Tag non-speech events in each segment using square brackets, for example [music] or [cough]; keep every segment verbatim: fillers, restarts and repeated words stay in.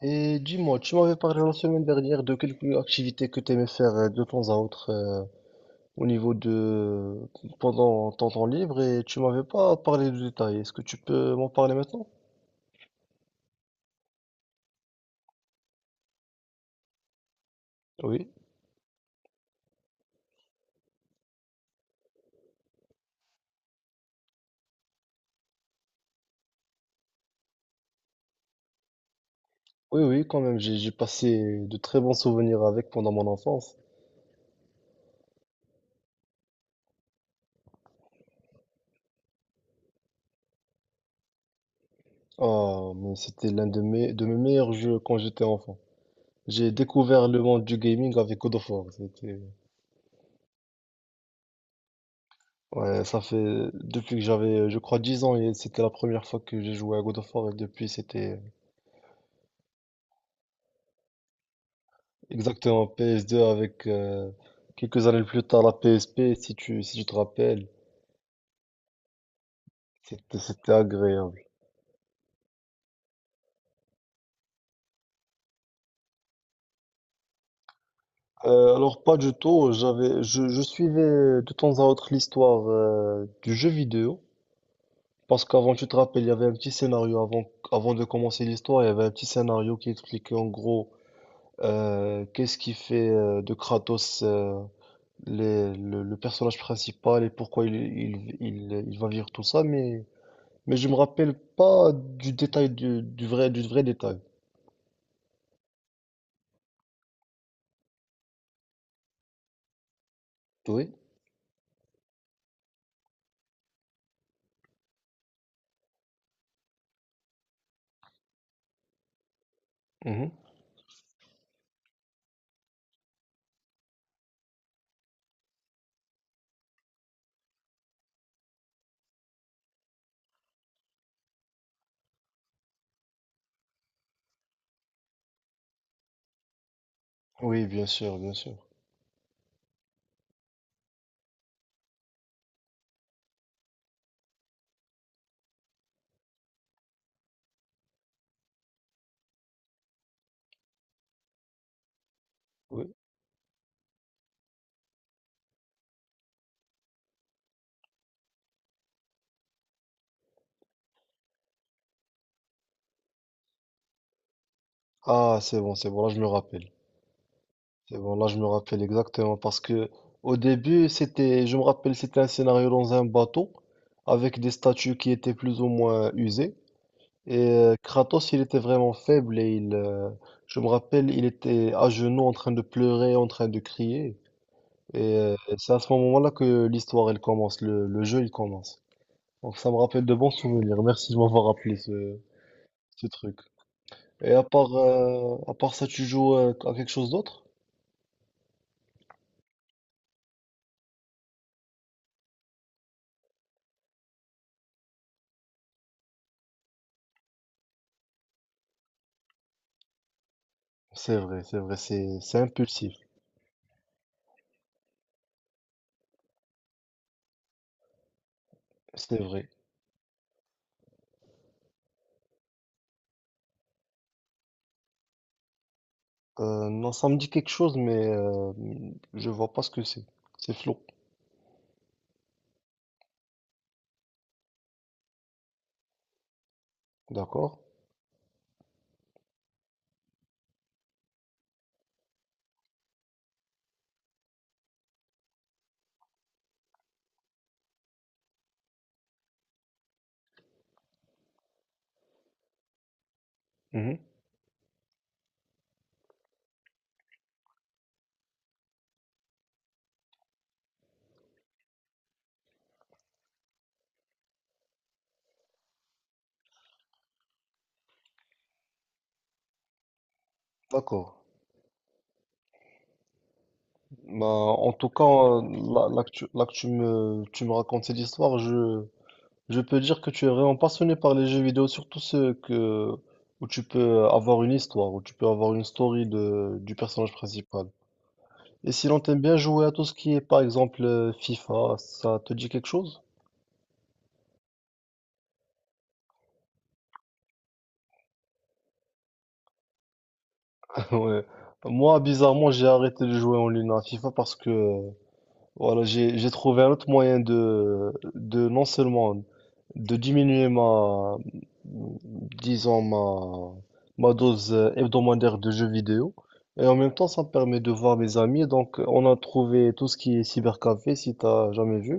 Et dis-moi, tu m'avais parlé la semaine dernière de quelques activités que tu aimais faire euh, de temps à autre euh, au niveau de pendant ton temps libre et tu m'avais pas parlé de détails. Est-ce que tu peux m'en parler maintenant? Oui. Oui, oui, quand même, j'ai j'ai passé de très bons souvenirs avec pendant mon enfance. Ah, mais c'était l'un de mes de mes meilleurs jeux quand j'étais enfant. J'ai découvert le monde du gaming avec God of War. C'était Ouais, ça fait depuis que j'avais, je crois, dix ans et c'était la première fois que j'ai joué à God of War et depuis c'était Exactement, P S deux avec euh, quelques années plus tard la P S P, si tu, si tu te rappelles, c'était, c'était agréable. Euh, alors pas du tout, j'avais, je, je suivais de temps à autre l'histoire euh, du jeu vidéo, parce qu'avant, tu te rappelles, il y avait un petit scénario, avant, avant de commencer l'histoire, il y avait un petit scénario qui expliquait en gros euh, qu'est-ce qui fait euh, de Kratos euh, les- le, le personnage principal et pourquoi il, il, il, il va vivre tout ça, mais. Mais je me rappelle pas du détail du, du vrai du vrai détail. Oui. Mhm. Oui, bien sûr, bien sûr. Oui. Ah, c'est bon, c'est bon, là je me rappelle. C'est bon, là je me rappelle exactement parce que au début, c'était je me rappelle, c'était un scénario dans un bateau avec des statues qui étaient plus ou moins usées et euh, Kratos, il était vraiment faible et il euh, je me rappelle, il était à genoux en train de pleurer, en train de crier et euh, c'est à ce moment-là que l'histoire elle commence, le le jeu il commence. Donc ça me rappelle de bons souvenirs. Merci de m'avoir rappelé ce, ce truc. Et à part, euh, à part ça, tu joues euh, à quelque chose d'autre? C'est vrai, c'est vrai, c'est, c'est impulsif. C'est vrai. Euh, non, ça me dit quelque chose, mais euh, je vois pas ce que c'est. C'est flou. D'accord? Mhm. D'accord. Bah, en tout cas, euh, là, là que tu, là que tu me, tu me racontes cette histoire. je, Je peux dire que tu es vraiment passionné par les jeux vidéo, surtout ceux que, où tu peux avoir une histoire, où tu peux avoir une story de, du personnage principal. Et sinon, t'aimes bien jouer à tout ce qui est, par exemple, euh, FIFA, ça te dit quelque chose? [laughs] Ouais. Moi, bizarrement, j'ai arrêté de jouer en ligne à FIFA parce que euh, Voilà, j'ai j'ai trouvé un autre moyen de de non seulement de diminuer ma disons ma ma dose hebdomadaire de jeux vidéo et en même temps ça me permet de voir mes amis, donc on a trouvé tout ce qui est cybercafé si t'as jamais vu,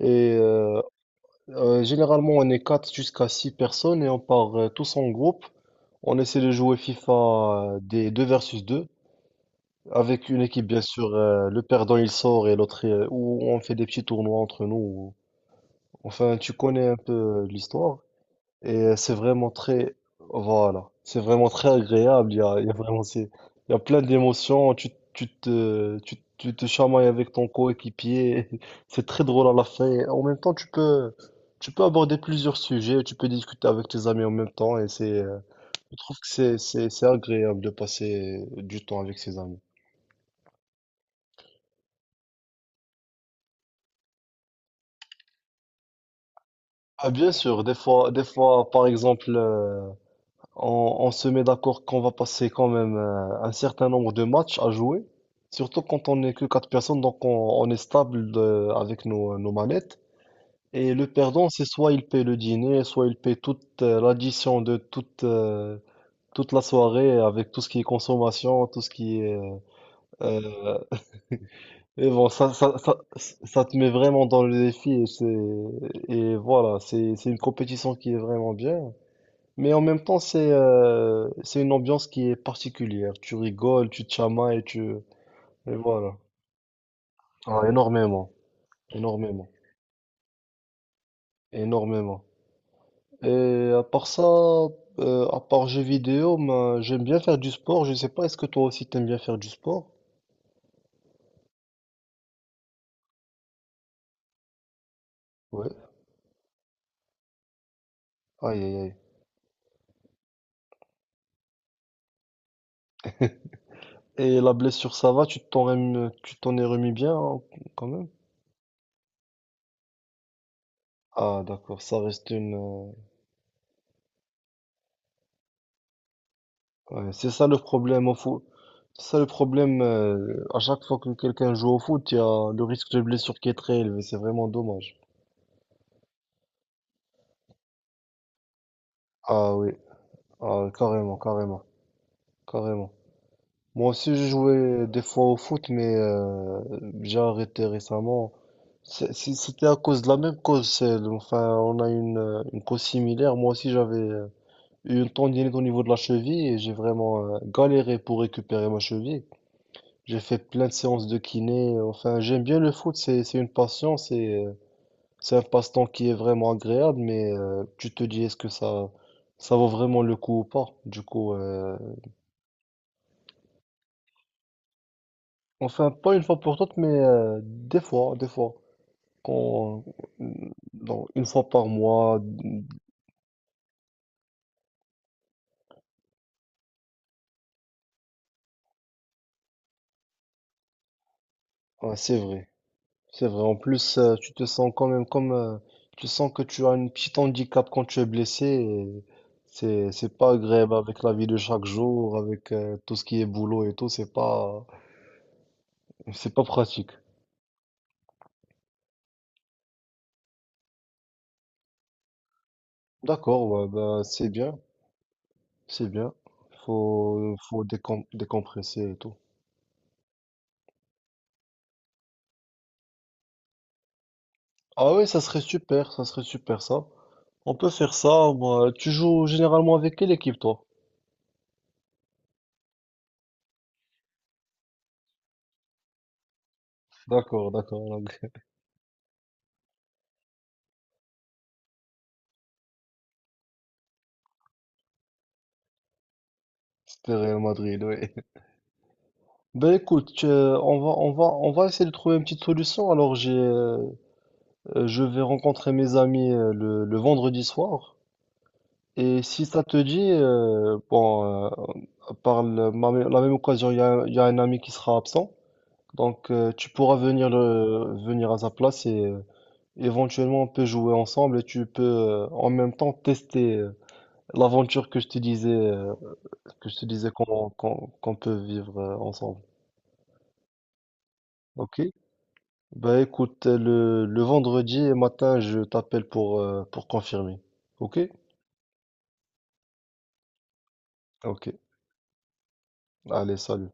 et euh, euh, généralement on est quatre jusqu'à six personnes et on part euh, tous en groupe, on essaie de jouer FIFA euh, des deux versus deux. Avec une équipe, bien sûr, euh, le perdant il sort et l'autre, euh, ou on fait des petits tournois entre nous. ou- Enfin, tu connais un peu euh, l'histoire et euh, c'est vraiment très, voilà, c'est vraiment très agréable. Il y a, il y a vraiment, c'est- il y a plein d'émotions. Tu, tu te, tu, tu te chamailles avec ton coéquipier. [laughs] C'est très drôle à la fin. Et en même temps, tu peux, tu peux aborder plusieurs sujets. Tu peux discuter avec tes amis en même temps, et c'est, euh, je trouve que c'est, c'est, c'est agréable de passer du temps avec ses amis. Ah, bien sûr, des fois, des fois, par exemple, euh, on, on se met d'accord qu'on va passer quand même euh, un certain nombre de matchs à jouer, surtout quand on n'est que quatre personnes, donc on, on est stable de- avec nos, nos manettes. Et le perdant, c'est soit il paye le dîner, soit il paye toute euh, l'addition de toute, euh, toute la soirée avec tout ce qui est consommation, tout ce qui est... euh, euh, et bon, ça, ça, ça, ça te met vraiment dans le défi, et c'est, et voilà, c'est, c'est une compétition qui est vraiment bien. Mais en même temps, c'est euh, c'est une ambiance qui est particulière. Tu rigoles, tu te chamailles, tu... Et voilà. Ah, énormément, énormément, énormément. Et à part ça, euh, à part jeux vidéo, ben, j'aime bien faire du sport. Je sais pas, est-ce que toi aussi t'aimes bien faire du sport? Ouais. Aïe, aïe, aïe. Et la blessure, ça va? Tu t'en rem- tu t'en es remis bien, hein, quand même? Ah, d'accord, ça reste une, ouais, c'est ça le problème au foot. C'est ça le problème. euh, à chaque fois que quelqu'un joue au foot, il y a le risque de blessure qui est très élevé. C'est vraiment dommage. Ah oui, ah, carrément, carrément, carrément. Moi aussi, j'ai joué des fois au foot, mais euh, j'ai arrêté récemment. C'est- c'est- C'était à cause de la même cause. celle- Enfin, on a une, euh, une cause similaire. Moi aussi, j'avais euh, eu une tendinite au niveau de la cheville et j'ai vraiment euh, galéré pour récupérer ma cheville. J'ai fait plein de séances de kiné. Enfin, j'aime bien le foot, c'est c'est une passion, c'est euh, c'est un passe-temps qui est vraiment agréable, mais euh, tu te dis, est-ce que ça ça vaut vraiment le coup ou pas? Du coup, euh, enfin pas une fois pour toutes, mais euh, des fois, des fois, quand euh, dans- une fois par mois, ouais, c'est vrai. C'est vrai, en plus, euh, tu te sens quand même comme... euh, tu sens que tu as un petit handicap quand tu es blessé, et C'est, c'est pas agréable avec la vie de chaque jour, avec euh, tout ce qui est boulot et tout. C'est pas, c'est pas pratique. D'accord, ouais, bah, c'est bien, c'est bien. Faut, faut décom- décompresser et tout. Ah oui, ça serait super, ça serait super ça. On peut faire ça, moi. Tu joues généralement avec quelle équipe, toi? D'accord, d'accord. donc, C'était Real Madrid, oui. Ben écoute, euh, on va, on va, on va essayer de trouver une petite solution. Alors j'ai, euh, euh, je vais rencontrer mes amis euh, le, le vendredi soir. Et si ça te dit, euh, bon, euh, par le- ma- la même occasion, il y a, il y a un ami qui sera absent. Donc euh, tu pourras venir, le, venir à sa place, et euh, éventuellement on peut jouer ensemble, et tu peux euh, en même temps tester euh, l'aventure que je te disais, euh, que je te disais qu'on qu'on qu'on peut vivre euh, ensemble. Ok? Bah écoute, le, le vendredi matin, je t'appelle pour, euh, pour confirmer. Ok? Ok. Allez, salut.